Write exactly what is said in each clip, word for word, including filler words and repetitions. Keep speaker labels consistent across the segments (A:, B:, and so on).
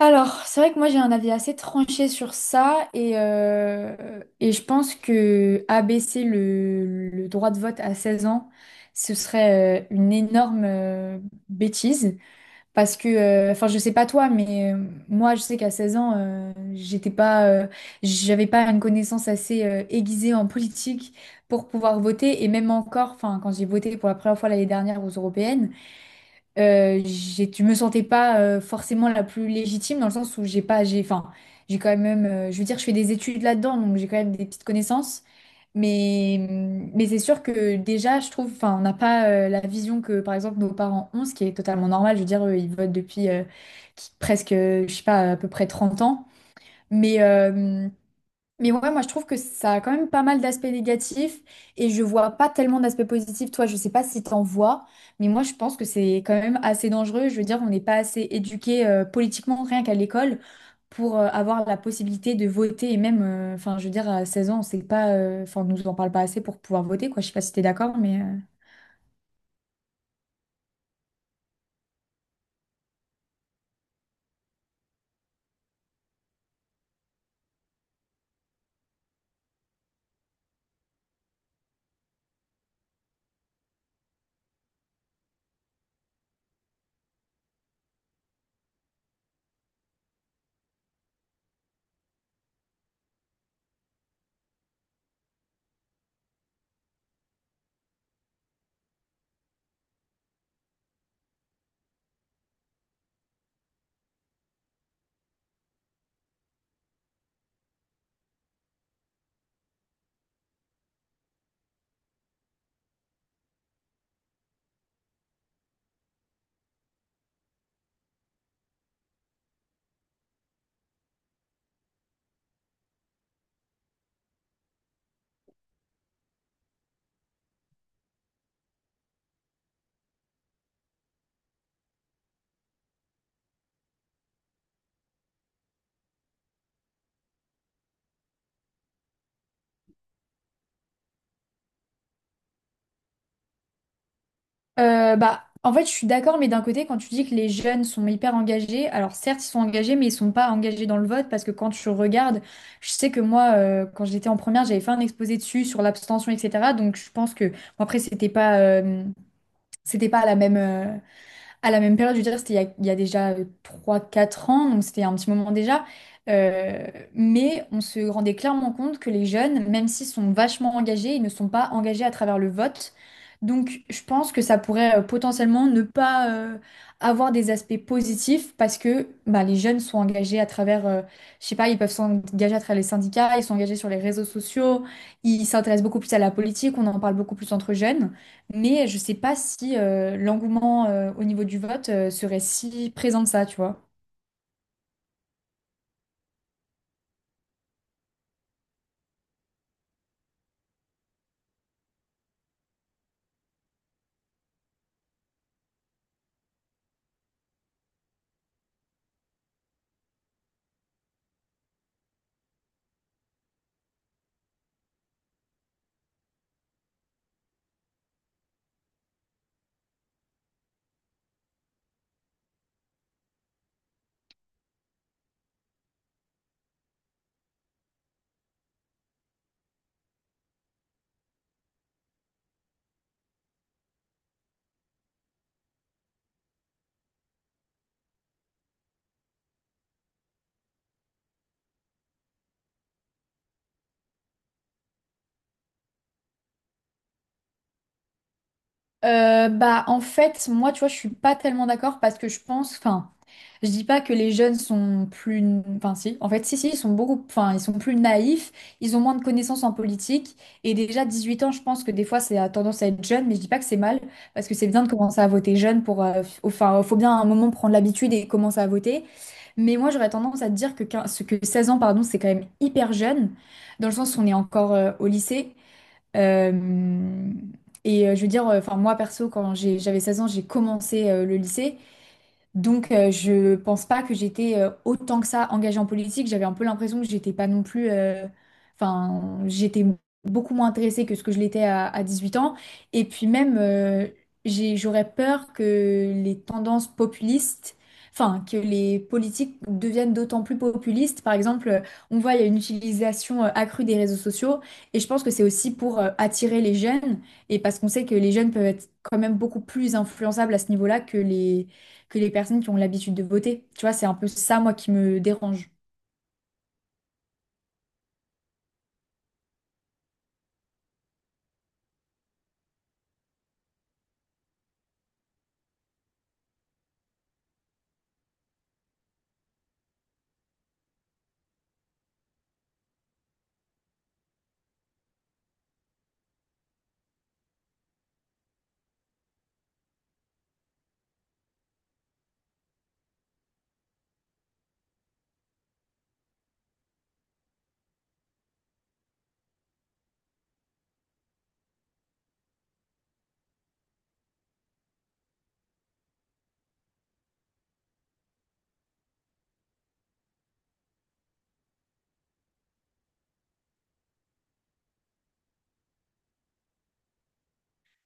A: Alors, c'est vrai que moi j'ai un avis assez tranché sur ça et, euh, et je pense que abaisser le, le droit de vote à seize ans, ce serait euh, une énorme euh, bêtise parce que, euh, enfin je sais pas toi, mais euh, moi je sais qu'à seize ans, euh, j'étais pas, euh, j'avais pas une connaissance assez euh, aiguisée en politique pour pouvoir voter et même encore, enfin quand j'ai voté pour la première fois l'année dernière aux européennes, euh, j'ai- je me sentais pas euh, forcément la plus légitime dans le sens où j'ai pas, j'ai, enfin, j'ai quand même, euh, je veux dire, je fais des études là-dedans, donc j'ai quand même des petites connaissances, mais, mais c'est sûr que déjà, je trouve, enfin, on n'a pas euh, la vision que, par exemple, nos parents ont, ce qui est totalement normal. Je veux dire, eux, ils votent depuis, euh, qui- presque, euh, je sais pas, à peu près trente ans, mais euh, mais ouais, moi je trouve que ça a quand même pas mal d'aspects négatifs et je vois pas tellement d'aspects positifs. Toi, je sais pas si t'en vois, mais moi je pense que c'est quand même assez dangereux. Je veux dire, on n'est pas assez éduqué euh, politiquement, rien qu'à l'école, pour euh, avoir la possibilité de voter et même, euh, enfin, je veux dire, à seize ans, on sait pas, euh, enfin, on nous en parle pas assez pour pouvoir voter, quoi. Je sais pas si t'es d'accord, mais. euh, Euh, bah, en fait, je suis d'accord, mais d'un côté, quand tu dis que les jeunes sont hyper engagés, alors certes, ils sont engagés, mais ils sont pas engagés dans le vote, parce que quand je regarde, je sais que moi, euh, quand j'étais en première, j'avais fait un exposé dessus sur l'abstention, et cetera. Donc, je pense que, bon, après, c'était pas, euh, c'était pas la même, euh, à la même période, je veux dire, c'était il y a, il y a déjà euh, trois, quatre ans, donc c'était un petit moment déjà. Euh, mais on se rendait clairement compte que les jeunes, même s'ils sont vachement engagés, ils ne sont pas engagés à travers le vote. Donc je pense que ça pourrait euh, potentiellement ne pas euh, avoir des aspects positifs, parce que bah, les jeunes sont engagés à travers, euh, je sais pas, ils peuvent s'engager à travers les syndicats, ils sont engagés sur les réseaux sociaux, ils s'intéressent beaucoup plus à la politique, on en parle beaucoup plus entre jeunes. Mais je ne sais pas si euh, l'engouement euh, au niveau du vote euh, serait si présent que ça, tu vois. Euh, bah en fait, moi, tu vois, je suis pas tellement d'accord parce que je pense, enfin. Je dis pas que les jeunes sont plus, enfin si, en fait si si, ils sont beaucoup, enfin ils sont plus naïfs, ils ont moins de connaissances en politique, et déjà dix-huit ans, je pense que des fois c'est a tendance à être jeune, mais je dis pas que c'est mal parce que c'est bien de commencer à voter jeune pour, euh, f- enfin faut bien à un moment prendre l'habitude et commencer à voter, mais moi j'aurais tendance à te dire que 15 que seize ans, pardon, c'est quand même hyper jeune dans le sens où on est encore euh, au lycée. Euh, Et euh, je veux dire, euh, enfin moi perso, quand j'ai- j'avais seize ans, j'ai commencé euh, le lycée. Donc, euh, je pense pas que j'étais euh, autant que ça engagée en politique. J'avais un peu l'impression que j'étais pas non plus. euh, Enfin, j'étais beaucoup moins intéressée que ce que je l'étais à, à dix-huit ans. Et puis même, euh, j'ai- j'aurais peur que les tendances populistes, enfin, que les politiques deviennent d'autant plus populistes. Par exemple, on voit il y a une utilisation euh, accrue des réseaux sociaux, et je pense que c'est aussi pour euh, attirer les jeunes, et parce qu'on sait que les jeunes peuvent être quand même beaucoup plus influençables à ce niveau-là que les que les personnes qui ont l'habitude de voter. Tu vois, c'est un peu ça, moi, qui me dérange.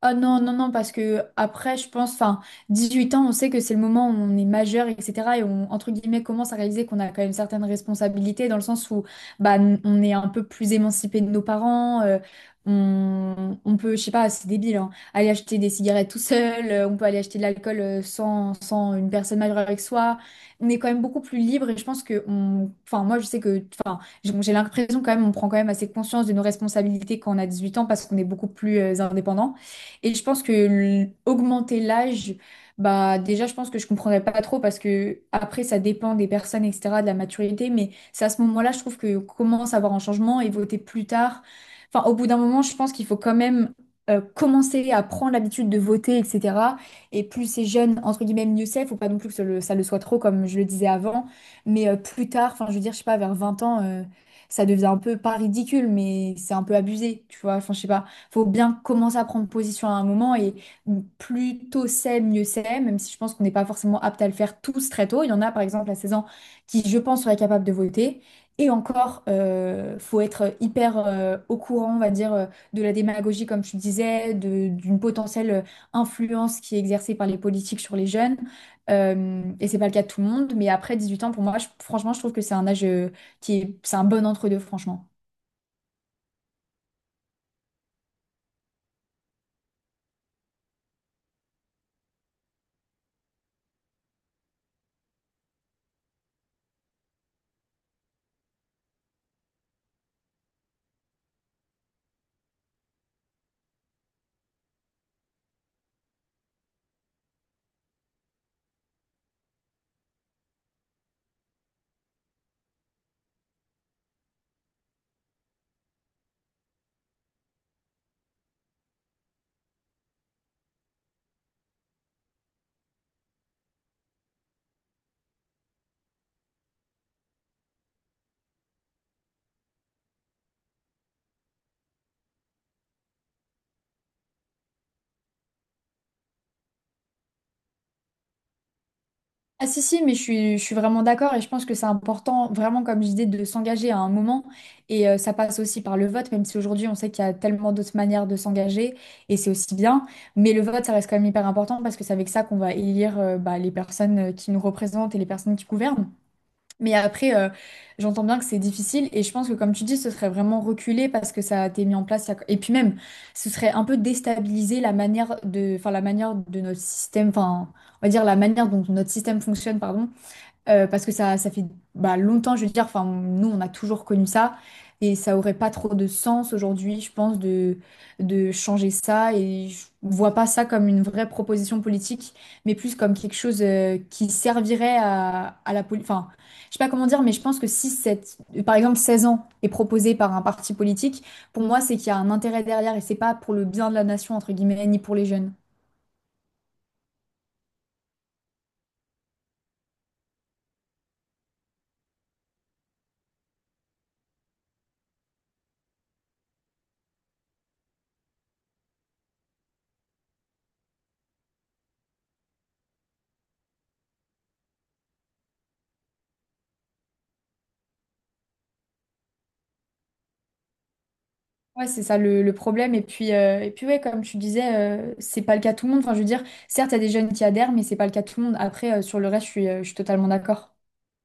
A: Ah non, non, non, parce que après, je pense, enfin, dix-huit ans, on sait que c'est le moment où on est majeur, et cetera. Et on, entre guillemets, commence à réaliser qu'on a quand même certaines responsabilités, dans le sens où bah, n- on est un peu plus émancipé de nos parents, euh, on, on peut, je sais pas, c'est débile, hein, aller acheter des cigarettes tout seul, euh, on peut aller acheter de l'alcool euh, sans, sans une personne majeure avec soi. On est quand même beaucoup plus libre et je pense que, on, enfin, moi, je sais que, enfin, j'ai j'ai l'impression quand même, on prend quand même assez conscience de nos responsabilités quand on a dix-huit ans parce qu'on est beaucoup plus euh, indépendant. Et je pense que l- augmenter l'âge, bah déjà, je pense que je comprendrais pas trop, parce que après, ça dépend des personnes, et cetera, de la maturité. Mais c'est à ce moment-là, je trouve, que commence à avoir un changement, et voter plus tard, enfin, au bout d'un moment, je pense qu'il faut quand même euh, commencer à prendre l'habitude de voter, et cetera. Et plus c'est jeune, entre guillemets, mieux c'est. Faut pas non plus que ça le, ça le soit trop, comme je le disais avant. Mais euh, plus tard, enfin, je veux dire, je sais pas, vers vingt ans, euh, ça devient un peu, pas ridicule, mais c'est un peu abusé, tu vois. Enfin, je sais pas, faut bien commencer à prendre position à un moment, et plus tôt c'est, mieux c'est, même si je pense qu'on n'est pas forcément apte à le faire tous très tôt. Il y en a par exemple à seize ans qui, je pense, seraient capables de voter. Et encore, euh, faut être hyper euh, au courant, on va dire, euh, de la démagogie, comme tu disais, de- d'une potentielle influence qui est exercée par les politiques sur les jeunes. Euh, et c'est pas le cas de tout le monde, mais après dix-huit ans, pour moi, je- franchement, je trouve que c'est un âge euh, qui est, c'est un bon entre-deux, franchement. Ah si si mais je suis, je suis vraiment d'accord, et je pense que c'est important, vraiment, comme je disais, de s'engager à un moment, et euh, ça passe aussi par le vote, même si aujourd'hui on sait qu'il y a tellement d'autres manières de s'engager, et c'est aussi bien, mais le vote ça reste quand même hyper important, parce que c'est avec ça qu'on va élire euh, bah, les personnes euh, qui nous représentent et les personnes qui gouvernent. Mais après, euh, j'entends bien que c'est difficile, et je pense que, comme tu dis, ce serait vraiment reculé parce que ça a été mis en place. il y a- Et puis même, ce serait un peu déstabiliser la manière de, enfin la manière de notre système, enfin, on va dire, la manière dont notre système fonctionne, pardon, euh, parce que ça, ça fait bah, longtemps, je veux dire, enfin, nous, on a toujours connu ça, et ça aurait pas trop de sens aujourd'hui, je pense, de, de changer ça, et je vois pas ça comme une vraie proposition politique, mais plus comme quelque chose euh, qui servirait à, à la politique, enfin, je sais pas comment dire, mais je pense que si cette, par exemple, seize ans est proposé par un parti politique, pour moi, c'est qu'il y a un intérêt derrière, et c'est pas pour le bien de la nation, entre guillemets, ni pour les jeunes. Ouais, c'est ça le, le problème. Et puis, euh, et puis ouais, comme tu disais, euh, c'est pas le cas de tout le monde. Enfin, je veux dire, certes, il y a des jeunes qui adhèrent, mais c'est pas le cas de tout le monde. Après, euh, sur le reste, je suis, euh, je suis totalement d'accord.